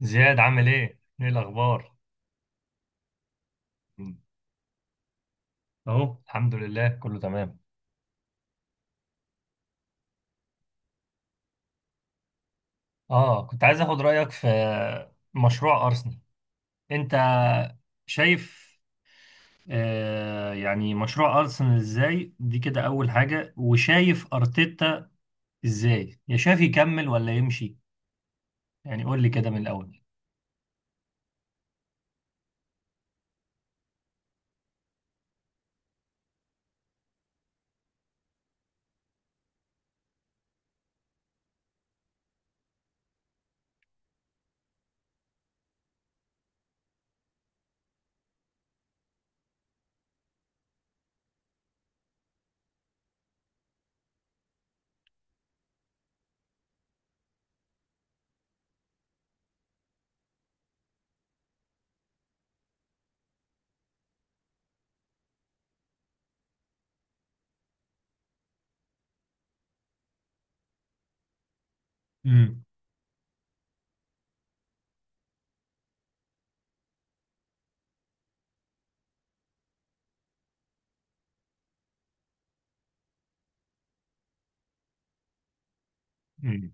زياد، عامل ايه؟ ايه الاخبار؟ مم. اهو الحمد لله كله تمام. اه، كنت عايز اخد رايك في مشروع ارسنال. انت شايف يعني مشروع ارسنال ازاي دي كده، اول حاجه. وشايف ارتيتا ازاي، يا شايف يكمل ولا يمشي، يعني قول لي كده من الاول. امم. مم.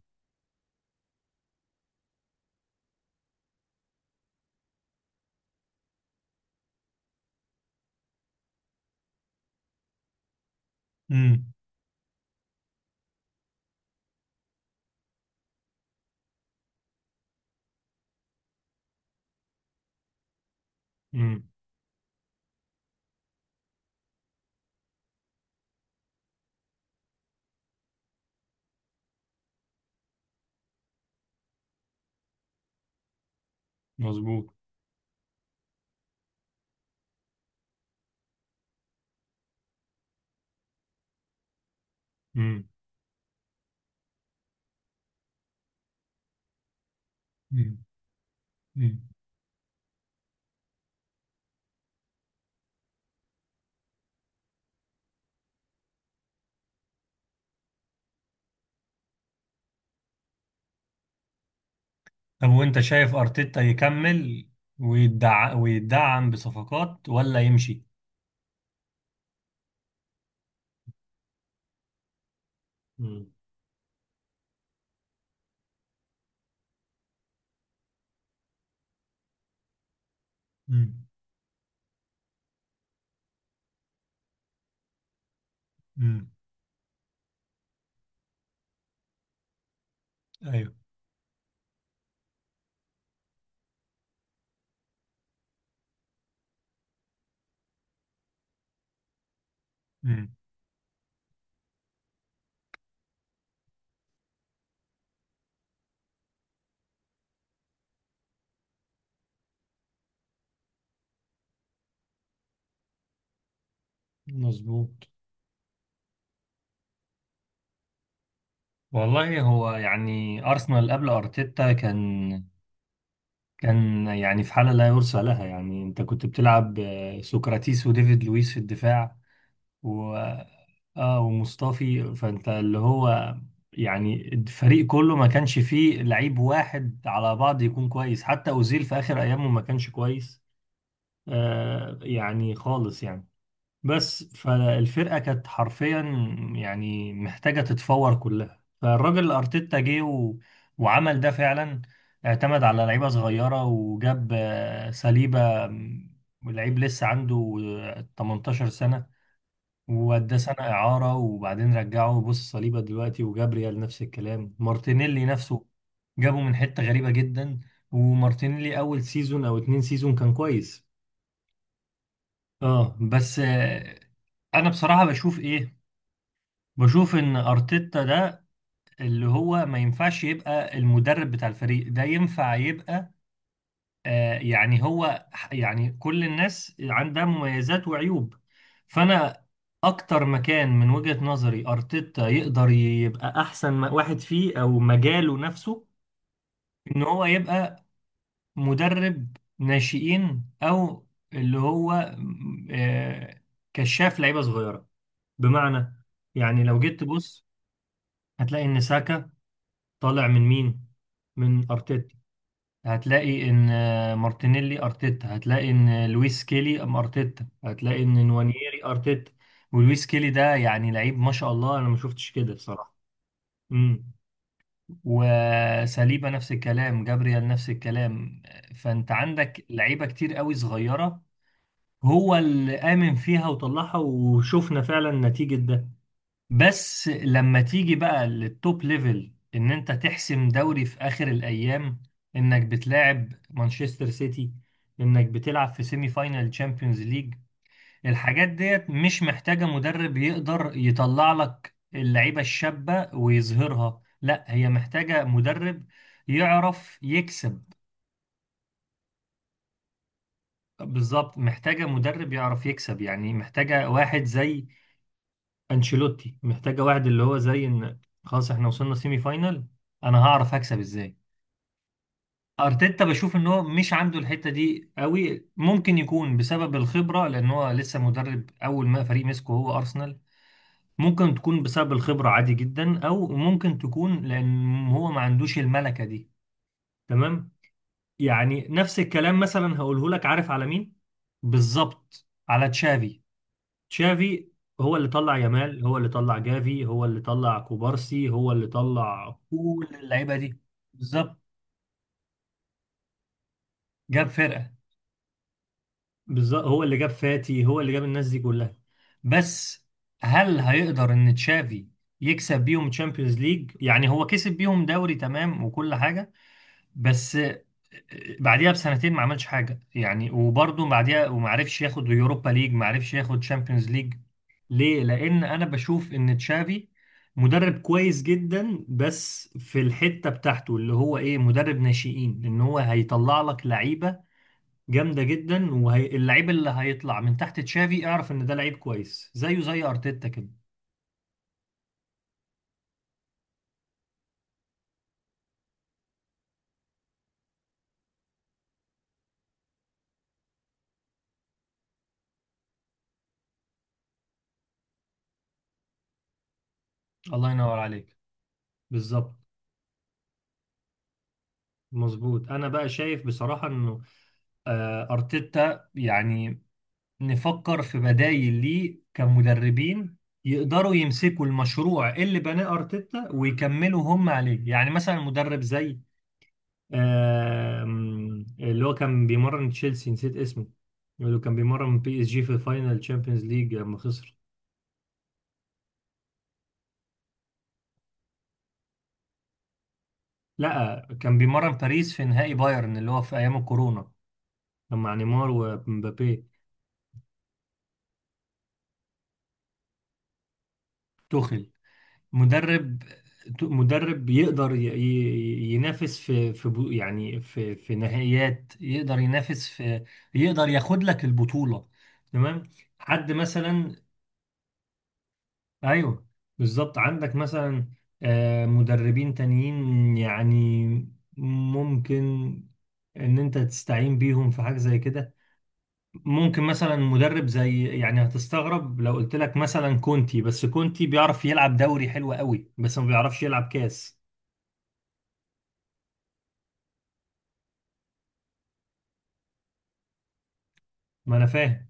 امم. مم. مظبوط. مم. امم. امم. طب، وانت شايف ارتيتا يكمل ويدعم بصفقات ولا يمشي؟ مم. مم. مم. ايوه. مم. مظبوط. والله هو يعني ارسنال قبل ارتيتا كان يعني في حاله لا يرثى لها، يعني انت كنت بتلعب سقراطيس وديفيد لويس في الدفاع و اه ومصطفي فانت. اللي هو يعني الفريق كله ما كانش فيه لعيب واحد على بعض يكون كويس. حتى اوزيل في اخر ايامه ما كانش كويس. يعني خالص يعني، بس فالفرقة كانت حرفيا يعني محتاجة تتفور كلها. فالراجل أرتيتا جه وعمل ده فعلا. اعتمد على لعيبة صغيرة وجاب سليبة، لعيب لسه عنده 18 سنة، وأداه سنة إعارة وبعدين رجعه. بص صليبة دلوقتي وجابريال نفس الكلام، مارتينيلي نفسه جابه من حتة غريبة جدا. ومارتينيلي أول سيزون أو 2 سيزون كان كويس. اه بس انا بصراحة بشوف ايه، بشوف ان ارتيتا ده اللي هو ما ينفعش يبقى المدرب بتاع الفريق ده، ينفع يبقى يعني هو يعني كل الناس عندها مميزات وعيوب، فانا اكتر مكان من وجهة نظري ارتيتا يقدر يبقى احسن واحد فيه او مجاله نفسه، ان هو يبقى مدرب ناشئين، او اللي هو كشاف لعيبة صغيرة. بمعنى، يعني لو جيت تبص هتلاقي ان ساكا طالع من مين؟ من ارتيتا. هتلاقي ان مارتينيلي ارتيتا، هتلاقي ان لويس كيلي ارتيتا، هتلاقي ان نوانييري ارتيتا. ولويس كيلي ده يعني لعيب، ما شاء الله، انا ما شفتش كده بصراحة. امم. وساليبا نفس الكلام، جابريال نفس الكلام. فانت عندك لعيبة كتير قوي صغيرة، هو اللي آمن فيها وطلعها وشفنا فعلا نتيجة ده. بس لما تيجي بقى للتوب ليفل، ان انت تحسم دوري في اخر الايام، انك بتلاعب مانشستر سيتي، انك بتلعب في سيمي فاينال تشامبيونز ليج، الحاجات ديت مش محتاجة مدرب يقدر يطلع لك اللعيبة الشابة ويظهرها، لا، هي محتاجة مدرب يعرف يكسب. بالظبط، محتاجة مدرب يعرف يكسب، يعني محتاجة واحد زي انشيلوتي، محتاجه واحد اللي هو زي ان خلاص احنا وصلنا سيمي فاينال، انا هعرف هكسب ازاي. ارتيتا بشوف ان هو مش عنده الحته دي قوي، ممكن يكون بسبب الخبره، لان هو لسه مدرب، اول ما فريق مسكه هو ارسنال. ممكن تكون بسبب الخبره عادي جدا، او ممكن تكون لان هو ما عندوش الملكه دي. تمام. يعني نفس الكلام مثلا هقوله لك. عارف على مين؟ بالظبط، على تشافي. تشافي هو اللي طلع يامال، هو اللي طلع جافي، هو اللي طلع كوبارسي، هو اللي طلع كل اللعيبه دي. بالظبط، جاب فرقه. بالظبط، هو اللي جاب فاتي، هو اللي جاب الناس دي كلها. بس هل هيقدر ان تشافي يكسب بيهم تشامبيونز ليج؟ يعني هو كسب بيهم دوري، تمام وكل حاجه، بس بعديها بسنتين ما عملش حاجه يعني، وبرضه بعديها، وما عرفش ياخد يوروبا ليج، ما عرفش ياخد تشامبيونز ليج. ليه؟ لان انا بشوف ان تشافي مدرب كويس جدا، بس في الحته بتاعته، اللي هو ايه؟ مدرب ناشئين، ان هو هيطلع لك لعيبه جامده جدا. واللعيب اللي هيطلع من تحت تشافي، اعرف ان ده لعيب كويس زيه زي ارتيتا كده. الله ينور عليك. بالظبط، مظبوط. انا بقى شايف بصراحه انه ارتيتا يعني نفكر في بدايل ليه كمدربين يقدروا يمسكوا المشروع اللي بناه أرتيتا ويكملوا هم عليه. يعني مثلا مدرب زي اللي هو كان بيمرن تشيلسي، نسيت اسمه. اللي هو كان بيمرن PSG في الفاينل تشامبيونز ليج لما خسر. لا، كان بيمرن باريس في نهائي بايرن اللي هو في أيام الكورونا، كان مع نيمار ومبابي. توخيل. مدرب مدرب يقدر ينافس يعني في نهائيات، يقدر ينافس في، يقدر ياخد لك البطولة. تمام. حد مثلا. ايوه، بالظبط. عندك مثلا مدربين تانيين يعني، ممكن ان انت تستعين بيهم في حاجة زي كده. ممكن مثلا مدرب زي، يعني هتستغرب لو قلت لك، مثلا كونتي. بس كونتي بيعرف يلعب دوري حلو قوي بس ما بيعرفش يلعب كاس. ما انا فاهم.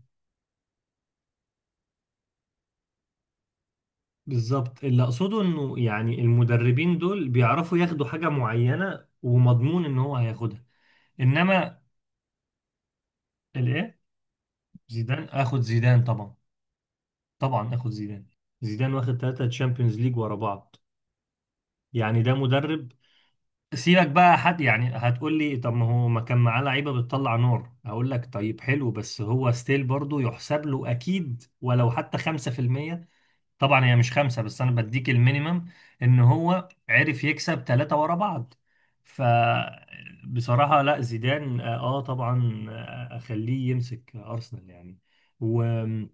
بالظبط، اللي اقصده انه يعني المدربين دول بيعرفوا ياخدوا حاجة معينة ومضمون ان هو هياخدها، انما. الايه؟ زيدان. اخد زيدان طبعا. طبعا اخد زيدان. زيدان واخد 3 تشامبيونز ليج ورا بعض، يعني ده مدرب. سيبك بقى. حد يعني هتقول لي، طب ما هو ما كان معاه لعيبة بتطلع نار، هقول لك، طيب حلو، بس هو ستيل برضه يحسب له اكيد ولو حتى 5%. طبعا هي مش خمسة، بس أنا بديك المينيمم، إن هو عرف يكسب 3 ورا بعض. فبصراحة لا، زيدان آه آه طبعا، أخليه يمسك أرسنال يعني. وعلى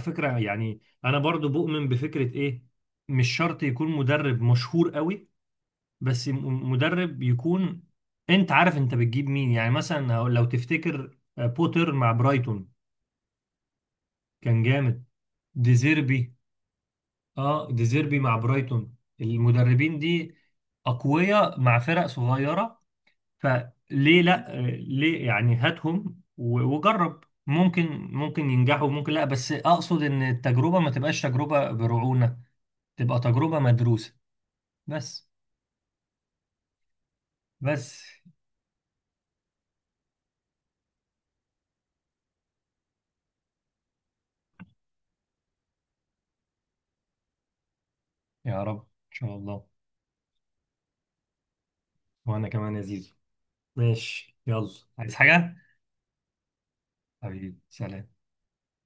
فكرة، يعني أنا برضو بؤمن بفكرة إيه، مش شرط يكون مدرب مشهور قوي، بس مدرب يكون أنت عارف أنت بتجيب مين، يعني مثلا لو تفتكر بوتر مع برايتون، كان جامد. ديزيربي. اه، ديزيربي مع برايتون. المدربين دي اقوياء مع فرق صغيره. فليه لا؟ ليه يعني؟ هاتهم وجرب، ممكن ينجحوا، ممكن لا، بس اقصد ان التجربه ما تبقاش تجربه برعونه، تبقى تجربه مدروسه. بس بس. يا رب، ان شاء الله. وانا كمان يا زيزو. ماشي، يلا، عايز حاجه؟ حبيبي، سلام.